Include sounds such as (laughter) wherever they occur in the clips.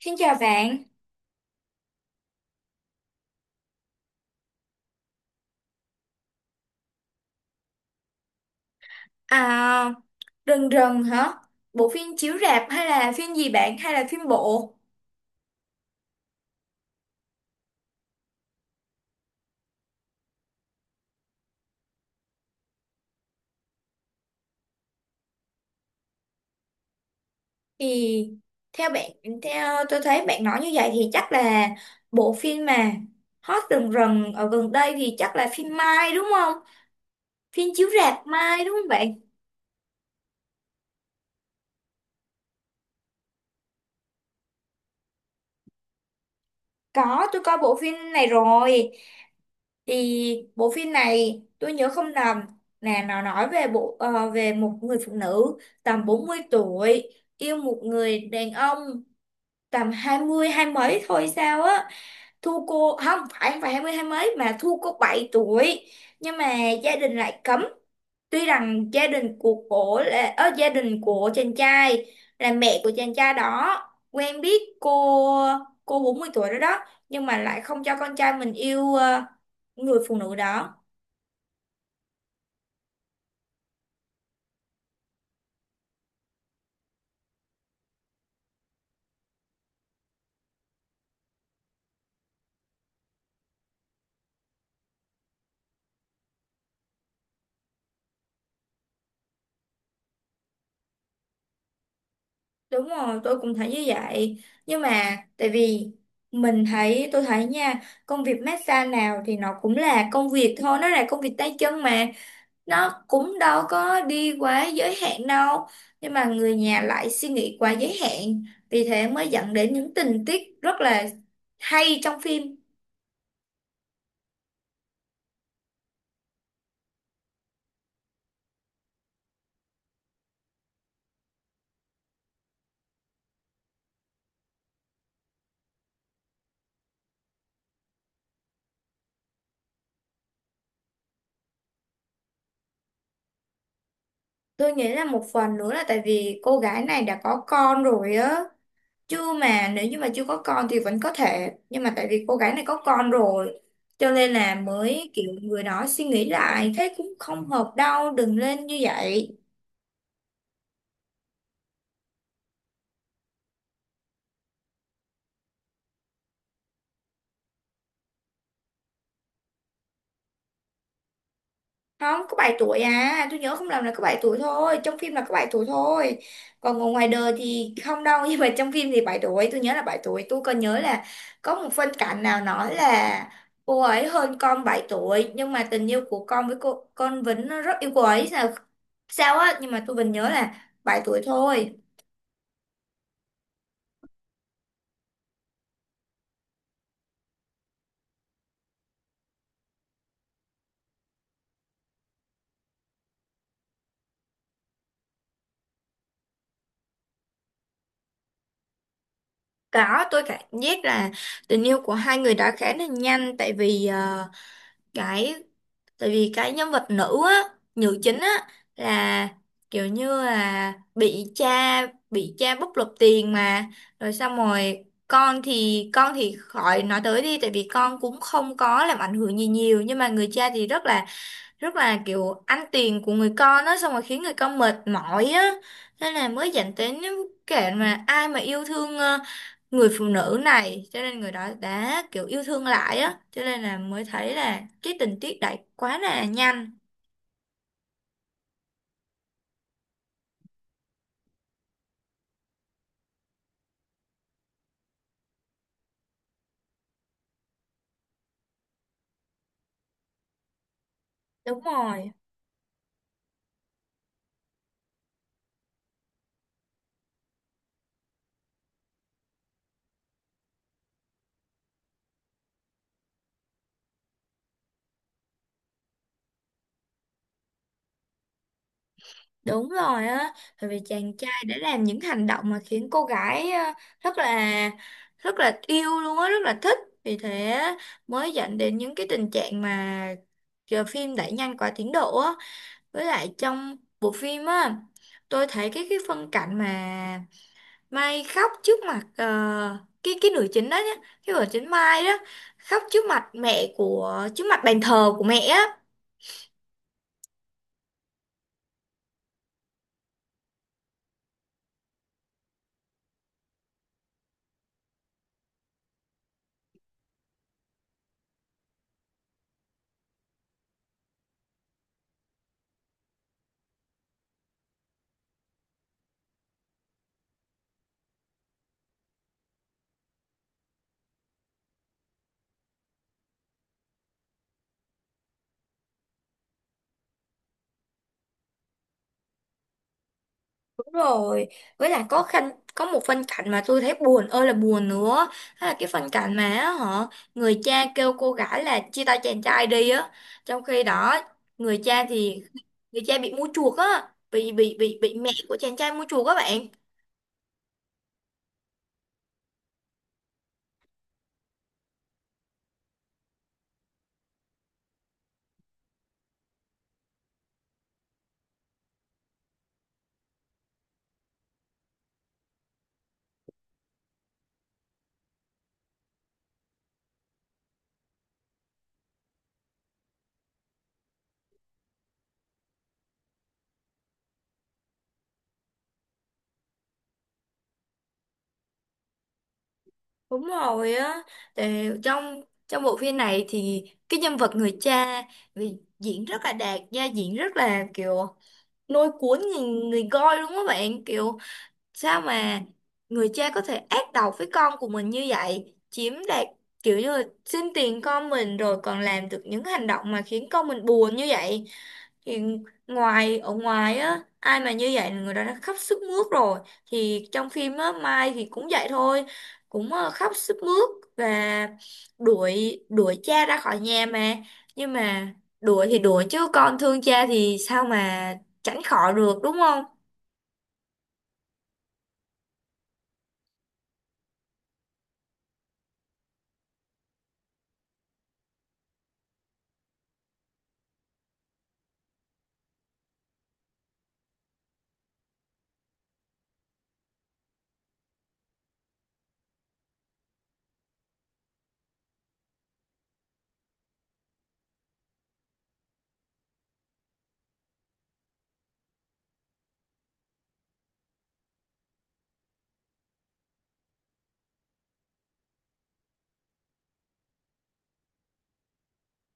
Xin chào bạn. À, Rần Rần hả? Bộ phim chiếu rạp hay là phim gì bạn, hay là phim bộ? Thì theo bạn theo tôi thấy bạn nói như vậy thì chắc là bộ phim mà hot rần rần ở gần đây thì chắc là phim Mai đúng không? Phim chiếu rạp Mai đúng không bạn? Có, tôi coi bộ phim này rồi. Thì bộ phim này tôi nhớ không lầm là nó nói về một người phụ nữ tầm 40 tuổi, yêu một người đàn ông tầm 20 hai mấy thôi sao á, thu cô không phải 20 hai mấy mà thu cô 7 tuổi. Nhưng mà gia đình lại cấm, tuy rằng gia đình của cổ là ở gia đình của chàng trai, là mẹ của chàng trai đó quen biết cô 40 tuổi đó đó, nhưng mà lại không cho con trai mình yêu người phụ nữ đó. Đúng rồi, tôi cũng thấy như vậy. Nhưng mà tại vì tôi thấy nha, công việc massage nào thì nó cũng là công việc thôi, nó là công việc tay chân mà. Nó cũng đâu có đi quá giới hạn đâu. Nhưng mà người nhà lại suy nghĩ quá giới hạn. Vì thế mới dẫn đến những tình tiết rất là hay trong phim. Tôi nghĩ là một phần nữa là tại vì cô gái này đã có con rồi á. Chưa mà Nếu như mà chưa có con thì vẫn có thể, nhưng mà tại vì cô gái này có con rồi, cho nên là mới kiểu người đó suy nghĩ lại thế cũng không hợp đâu, đừng lên như vậy. Không có 7 tuổi à, tôi nhớ không lầm là có 7 tuổi thôi, trong phim là có 7 tuổi thôi, còn ngồi ngoài đời thì không đâu (laughs) nhưng mà trong phim thì 7 tuổi, tôi nhớ là 7 tuổi, tôi còn nhớ là có một phân cảnh nào nói là cô ấy hơn con 7 tuổi, nhưng mà tình yêu của con với cô, con Vĩnh nó rất yêu cô ấy sao sao á, nhưng mà tôi vẫn nhớ là 7 tuổi thôi. Đó, tôi cảm giác là tình yêu của hai người đã khá là nhanh, tại vì ờ, cái tại vì cái nhân vật nữ á, nữ chính á, là kiểu như là bị cha bóc lột tiền mà, rồi xong rồi con thì khỏi nói tới đi, tại vì con cũng không có làm ảnh hưởng gì nhiều, nhưng mà người cha thì rất là kiểu ăn tiền của người con á, xong rồi khiến người con mệt mỏi á, nên là mới dẫn đến những kẻ mà ai mà yêu thương người phụ nữ này, cho nên người đó đã kiểu yêu thương lại á, cho nên là mới thấy là cái tình tiết đẩy quá là nhanh. Đúng rồi. Đúng rồi á, bởi vì chàng trai đã làm những hành động mà khiến cô gái rất là rất là yêu luôn á, rất là thích, vì thế mới dẫn đến những cái tình trạng mà phim đẩy nhanh quá tiến độ á. Với lại trong bộ phim á, tôi thấy cái phân cảnh mà Mai khóc trước mặt cái nữ chính đó nhá, cái vợ chính Mai đó khóc trước mặt bàn thờ của mẹ á. Đúng rồi. Với lại có khăn có một phân cảnh mà tôi thấy buồn ơi là buồn nữa. Đó là cái phân cảnh mà á, người cha kêu cô gái là chia tay chàng trai đi á. Trong khi đó người cha thì người cha bị mua chuộc á, bị mẹ của chàng trai mua chuộc các bạn. Đúng rồi á, thì trong trong bộ phim này thì cái nhân vật người cha vì diễn rất là đạt, gia diễn rất là kiểu lôi cuốn người coi luôn á bạn, kiểu sao mà người cha có thể ác độc với con của mình như vậy, chiếm đoạt, kiểu như là xin tiền con mình rồi còn làm được những hành động mà khiến con mình buồn như vậy, thì ngoài á ai mà như vậy là người đó đã khóc sướt mướt rồi, thì trong phim á Mai thì cũng vậy thôi, cũng khóc sướt mướt và đuổi đuổi cha ra khỏi nhà mà, nhưng mà đuổi thì đuổi chứ con thương cha thì sao mà tránh khỏi được đúng không.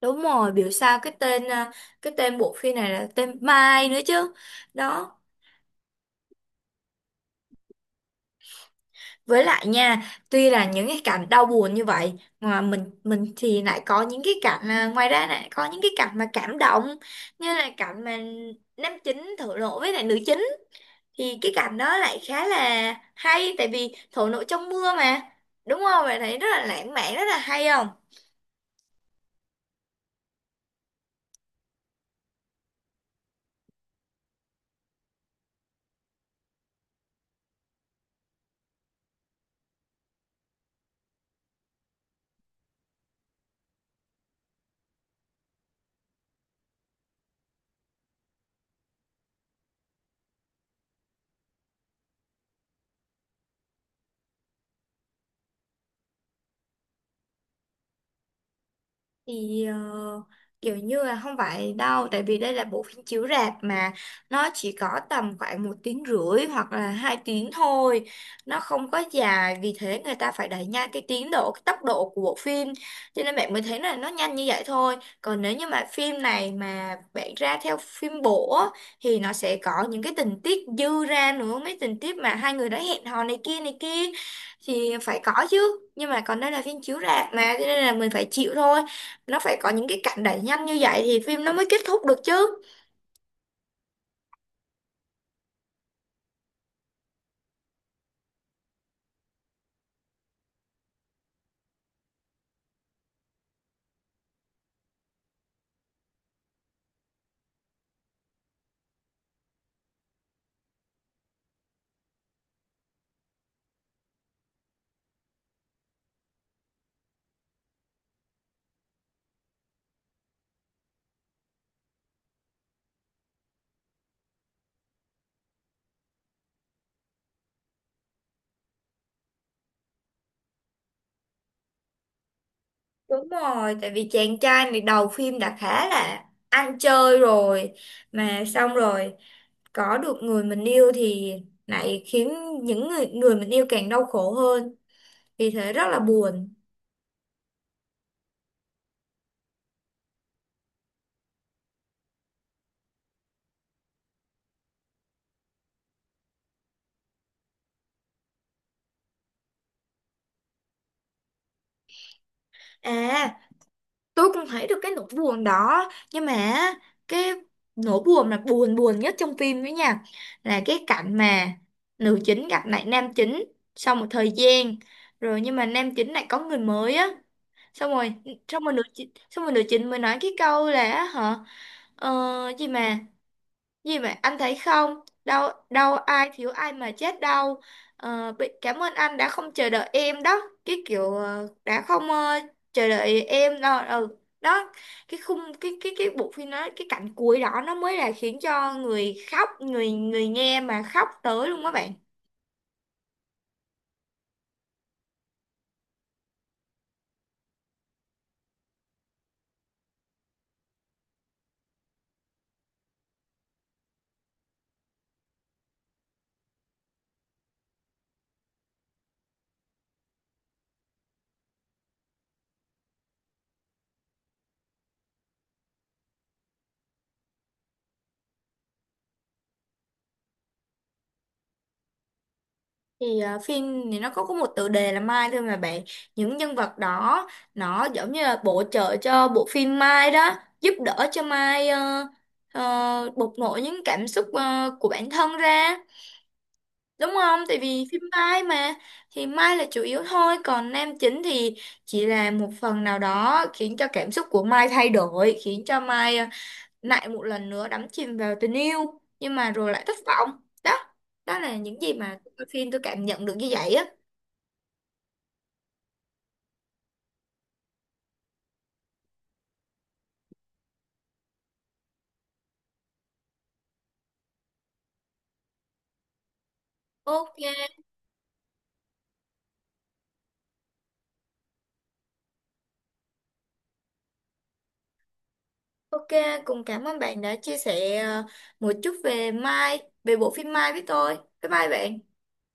Đúng rồi, biểu sao cái tên bộ phim này là tên Mai nữa chứ. Đó. Với lại nha, tuy là những cái cảnh đau buồn như vậy mà mình thì lại có những cái cảnh à, ngoài ra lại có những cái cảnh mà cảm động, như là cảnh mà nam chính thổ lộ với lại nữ chính, thì cái cảnh đó lại khá là hay tại vì thổ lộ trong mưa mà. Đúng không? Bạn thấy rất là lãng mạn, rất là hay không? Thì kiểu như là không phải đâu, tại vì đây là bộ phim chiếu rạp mà, nó chỉ có tầm khoảng một tiếng rưỡi hoặc là 2 tiếng thôi, nó không có dài, vì thế người ta phải đẩy nhanh cái tiến độ, cái tốc độ của bộ phim, cho nên bạn mới thấy là nó nhanh như vậy thôi. Còn nếu như mà phim này mà bạn ra theo phim bộ á, thì nó sẽ có những cái tình tiết dư ra nữa, mấy tình tiết mà hai người đã hẹn hò này kia thì phải có chứ, nhưng mà còn đây là phim chiếu rạp mà cho nên là mình phải chịu thôi, nó phải có những cái cảnh đẩy nhanh như vậy thì phim nó mới kết thúc được chứ. Đúng rồi, tại vì chàng trai này đầu phim đã khá là ăn chơi rồi, mà xong rồi có được người mình yêu thì lại khiến những người người mình yêu càng đau khổ hơn, vì thế rất là buồn. À, tôi cũng thấy được cái nỗi buồn đó, nhưng mà cái nỗi buồn là buồn buồn nhất trong phim đấy nha, là cái cảnh mà nữ chính gặp lại nam chính sau một thời gian rồi, nhưng mà nam chính lại có người mới á, xong rồi xong rồi nữ chính mới nói cái câu là hả, ờ, gì mà gì mà anh thấy không, đâu đâu ai thiếu ai mà chết đâu. Bị cảm ơn anh đã không chờ đợi em đó, cái kiểu đã không chờ đợi em đâu ừ đó, cái bộ phim đó, cái cảnh cuối đó nó mới là khiến cho người nghe mà khóc tới luôn các bạn. Thì phim thì nó có một tựa đề là Mai thôi mà bạn, những nhân vật đó nó giống như là bổ trợ cho bộ phim Mai đó, giúp đỡ cho Mai bộc lộ những cảm xúc của bản thân ra, đúng không, tại vì phim Mai mà. Thì Mai là chủ yếu thôi, còn nam chính thì chỉ là một phần nào đó khiến cho cảm xúc của Mai thay đổi, khiến cho Mai lại một lần nữa đắm chìm vào tình yêu nhưng mà rồi lại thất vọng đó, đó là những gì mà tôi coi phim tôi cảm nhận được như vậy á. Ok. Ok, cùng cảm ơn bạn đã chia sẻ một chút về Mai, về bộ phim Mai với tôi. Bye bye bạn.